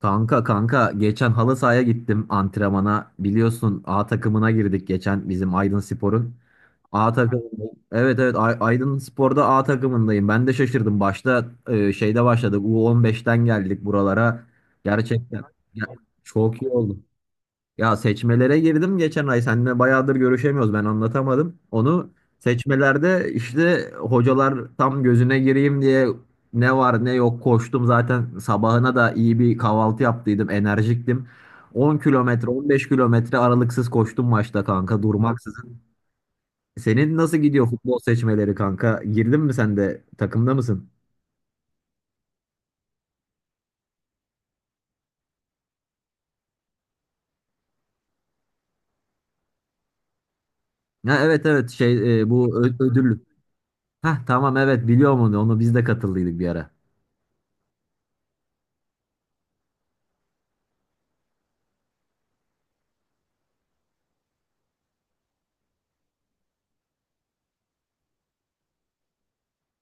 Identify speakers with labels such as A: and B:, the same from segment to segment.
A: Kanka kanka geçen halı sahaya gittim antrenmana. Biliyorsun A takımına girdik geçen bizim Aydın Spor'un. A takımında. Evet evet Aydın Spor'da A takımındayım. Ben de şaşırdım. Başta şeyde başladık. U15'ten geldik buralara. Gerçekten ya, çok iyi oldu. Ya seçmelere girdim geçen ay. Seninle bayağıdır görüşemiyoruz. Ben anlatamadım. Onu seçmelerde işte hocalar tam gözüne gireyim diye ne var ne yok koştum. Zaten sabahına da iyi bir kahvaltı yaptıydım. Enerjiktim. 10 kilometre 15 kilometre aralıksız koştum maçta kanka durmaksızın. Senin nasıl gidiyor futbol seçmeleri kanka? Girdin mi sen de takımda mısın? Ha, evet evet şey bu ödül. Hah tamam evet biliyorum onu. Onu biz de katıldıydık bir ara.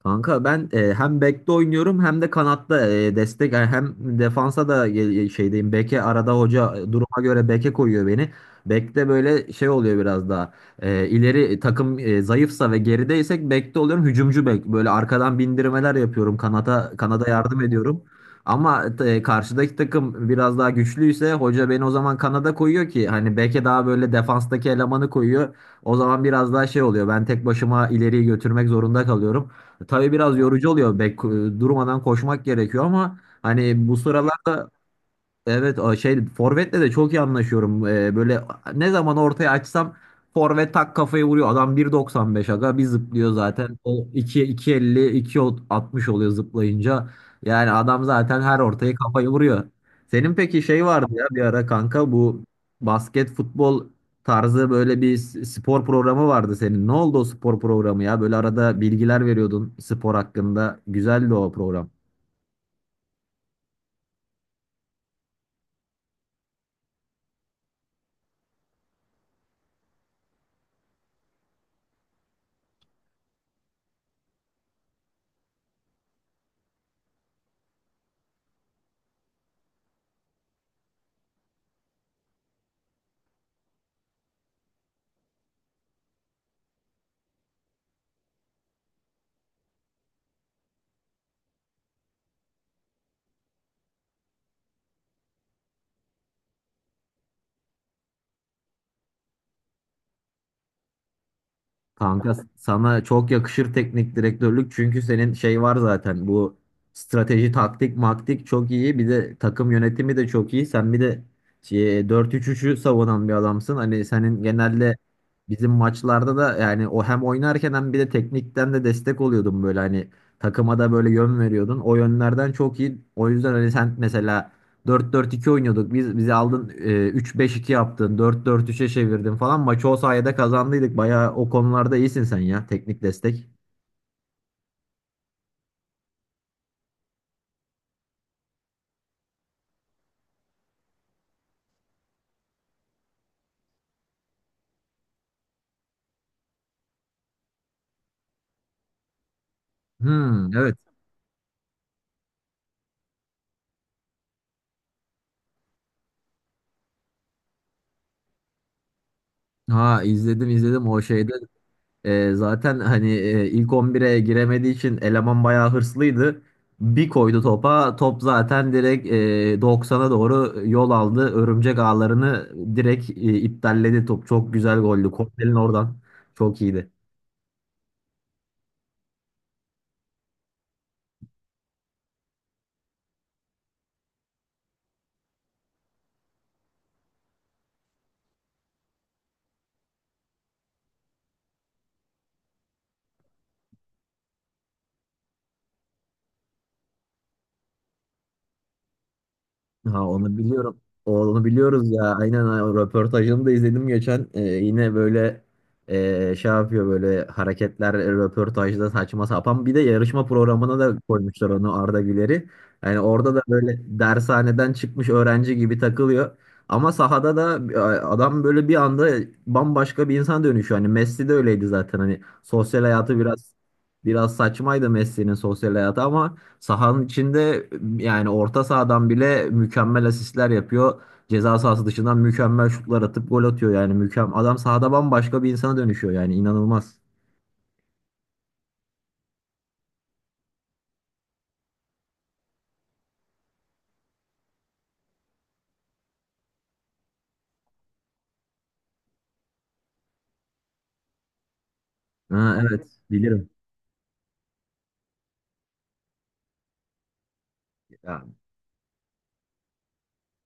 A: Kanka ben hem bekte oynuyorum hem de kanatta destek yani hem defansa da şeydeyim. Beke arada hoca duruma göre beke koyuyor beni. Bekte böyle şey oluyor biraz daha. E, ileri takım zayıfsa ve gerideysek bekte oluyorum. Hücumcu bek böyle arkadan bindirmeler yapıyorum. Kanata kanada yardım ediyorum. Ama karşıdaki takım biraz daha güçlüyse hoca beni o zaman kanada koyuyor, ki hani beke daha böyle defanstaki elemanı koyuyor. O zaman biraz daha şey oluyor. Ben tek başıma ileriyi götürmek zorunda kalıyorum. Tabii biraz yorucu oluyor. Bek durmadan koşmak gerekiyor ama hani bu sıralarda. Evet o şey forvetle de çok iyi anlaşıyorum. Böyle ne zaman ortaya açsam forvet tak kafayı vuruyor. Adam 1,95 aga bir zıplıyor zaten. O 2 2,50 2,60 oluyor zıplayınca. Yani adam zaten her ortaya kafayı vuruyor. Senin peki şey vardı ya bir ara kanka, bu basket futbol tarzı böyle bir spor programı vardı senin. Ne oldu o spor programı ya? Böyle arada bilgiler veriyordun spor hakkında. Güzeldi o program. Kanka sana çok yakışır teknik direktörlük, çünkü senin şey var zaten, bu strateji taktik maktik çok iyi, bir de takım yönetimi de çok iyi. Sen bir de şey, 4-3-3'ü savunan bir adamsın. Hani senin genelde bizim maçlarda da yani o hem oynarken hem bir de teknikten de destek oluyordun böyle hani takıma da böyle yön veriyordun. O yönlerden çok iyi. O yüzden hani sen mesela. 4-4-2 oynuyorduk. Bizi aldın 3-5-2 yaptın. 4-4-3'e çevirdin falan. Maçı o sayede kazandıydık. Bayağı o konularda iyisin sen ya. Teknik destek. Hmm, evet. Ha, izledim izledim o şeyde. Zaten hani ilk 11'e giremediği için eleman bayağı hırslıydı. Bir koydu topa. Top zaten direkt 90'a doğru yol aldı. Örümcek ağlarını direkt iptalledi top. Çok güzel goldü. Kornel'in oradan. Çok iyiydi. Ha, onu biliyorum. Onu biliyoruz ya. Aynen ha, o röportajını da izledim geçen. Yine böyle şey yapıyor böyle hareketler röportajda saçma sapan. Bir de yarışma programına da koymuşlar onu, Arda Güler'i. Yani orada da böyle dershaneden çıkmış öğrenci gibi takılıyor. Ama sahada da adam böyle bir anda bambaşka bir insan dönüşüyor. Hani Messi de öyleydi zaten. Hani sosyal hayatı biraz saçmaydı, Messi'nin sosyal hayatı. Ama sahanın içinde yani orta sahadan bile mükemmel asistler yapıyor. Ceza sahası dışından mükemmel şutlar atıp gol atıyor, yani mükemmel. Adam sahada bambaşka bir insana dönüşüyor yani, inanılmaz. Ha, evet bilirim. Ya,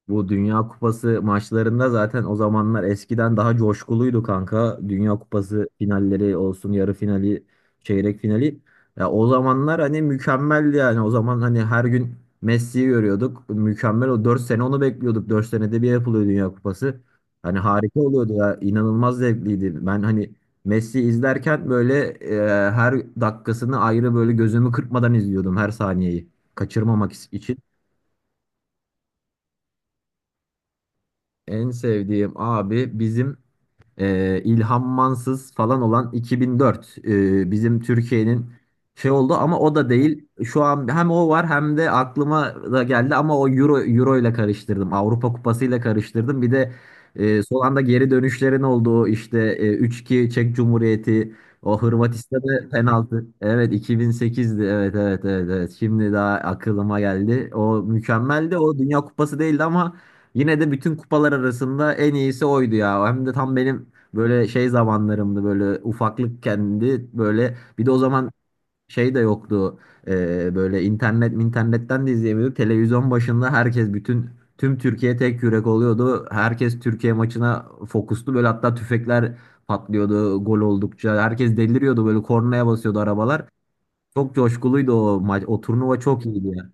A: bu Dünya Kupası maçlarında zaten o zamanlar eskiden daha coşkuluydu kanka. Dünya Kupası finalleri olsun, yarı finali, çeyrek finali. Ya, o zamanlar hani mükemmeldi yani. O zaman hani her gün Messi'yi görüyorduk. Mükemmel, o 4 sene onu bekliyorduk. 4 senede bir yapılıyor Dünya Kupası. Hani harika oluyordu ya. İnanılmaz zevkliydi. Ben hani Messi izlerken böyle her dakikasını ayrı böyle gözümü kırpmadan izliyordum her saniyeyi. Kaçırmamak için. En sevdiğim abi bizim İlham Mansız falan olan 2004 bizim Türkiye'nin şey oldu, ama o da değil. Şu an hem o var hem de aklıma da geldi, ama o Euro ile karıştırdım. Avrupa Kupası ile karıştırdım. Bir de son anda geri dönüşlerin olduğu işte 3-2 Çek Cumhuriyeti, o Hırvatistan'da penaltı. Evet 2008'di. Evet evet evet evet. Şimdi daha aklıma geldi. O mükemmeldi. O Dünya Kupası değildi ama yine de bütün kupalar arasında en iyisi oydu ya. Hem de tam benim böyle şey zamanlarımdı, böyle ufaklık kendi, böyle bir de o zaman şey de yoktu. Böyle internetten de izleyemiyorduk. Televizyon başında herkes, bütün, tüm Türkiye tek yürek oluyordu. Herkes Türkiye maçına fokustu böyle. Hatta tüfekler patlıyordu, gol oldukça herkes deliriyordu, böyle kornaya basıyordu arabalar. Çok coşkuluydu o maç, o turnuva çok iyiydi ya.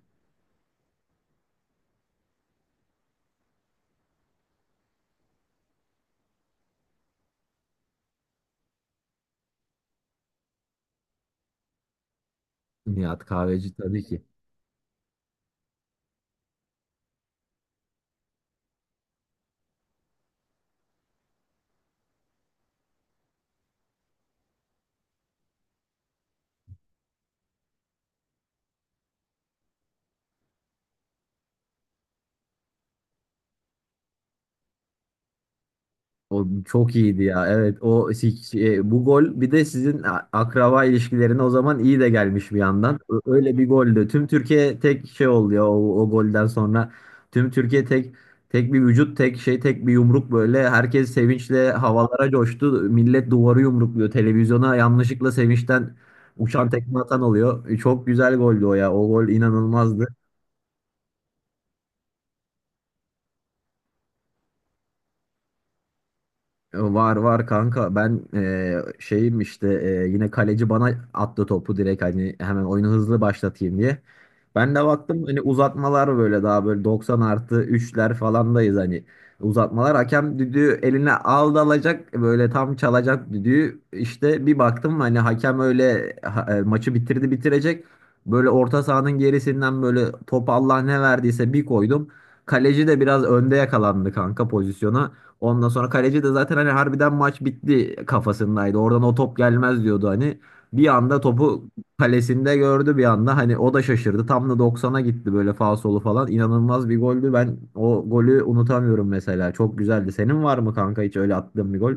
A: Nihat Kahveci, tabii ki. O çok iyiydi ya. Evet o bu gol bir de sizin akraba ilişkilerine o zaman iyi de gelmiş bir yandan. Öyle bir goldü. Tüm Türkiye tek şey oldu ya o golden sonra. Tüm Türkiye tek tek bir vücut, tek şey, tek bir yumruk böyle. Herkes sevinçle havalara coştu. Millet duvarı yumrukluyor. Televizyona yanlışlıkla sevinçten uçan tekme atan oluyor. Çok güzel goldü o ya. O gol inanılmazdı. Var var kanka, ben şeyim işte, yine kaleci bana attı topu direkt, hani hemen oyunu hızlı başlatayım diye. Ben de baktım hani uzatmalar, böyle daha böyle 90 artı 3'ler falandayız hani, uzatmalar. Hakem düdüğü eline aldı, alacak böyle, tam çalacak düdüğü, işte bir baktım hani hakem öyle maçı bitirdi bitirecek. Böyle orta sahanın gerisinden böyle top Allah ne verdiyse bir koydum. Kaleci de biraz önde yakalandı kanka pozisyona. Ondan sonra kaleci de zaten hani harbiden maç bitti kafasındaydı. Oradan o top gelmez diyordu hani. Bir anda topu kalesinde gördü bir anda. Hani o da şaşırdı. Tam da 90'a gitti böyle, faul solu falan. İnanılmaz bir goldü. Ben o golü unutamıyorum mesela. Çok güzeldi. Senin var mı kanka hiç öyle attığın bir gol?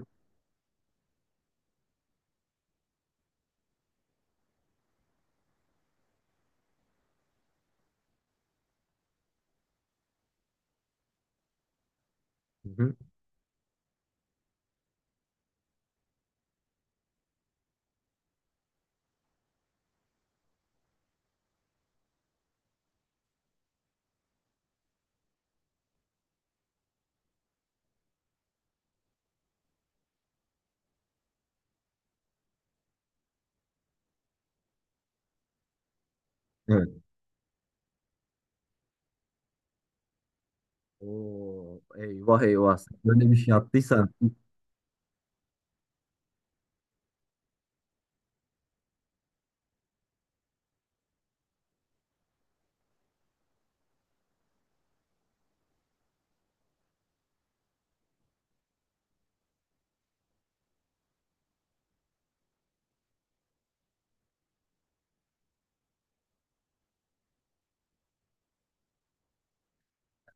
A: Hı hı. Evet. Oo, eyvah eyvah. Böyle bir şey attıysan.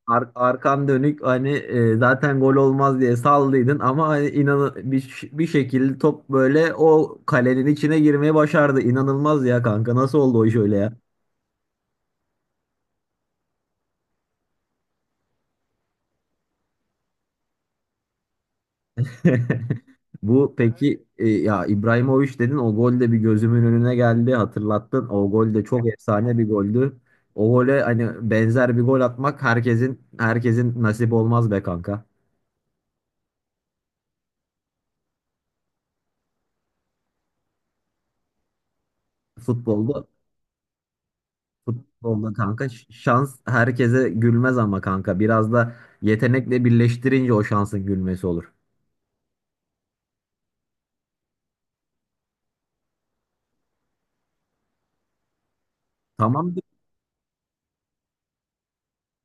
A: Arkan dönük hani, zaten gol olmaz diye saldıydın, ama hani inan bir şekilde top böyle o kalenin içine girmeyi başardı. İnanılmaz ya kanka, nasıl oldu o iş öyle ya? Bu peki ya İbrahimovic dedin, o gol de bir gözümün önüne geldi hatırlattın. O gol de çok efsane bir goldü. O gole hani benzer bir gol atmak herkesin nasip olmaz be kanka. Futbolda Futbolda kanka, şans herkese gülmez ama kanka, biraz da yetenekle birleştirince o şansın gülmesi olur. Tamam,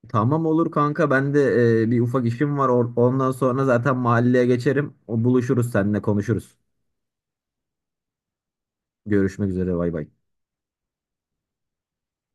A: tamam olur kanka. Ben de bir ufak işim var. Ondan sonra zaten mahalleye geçerim. O buluşuruz, seninle konuşuruz. Görüşmek üzere, bay bay.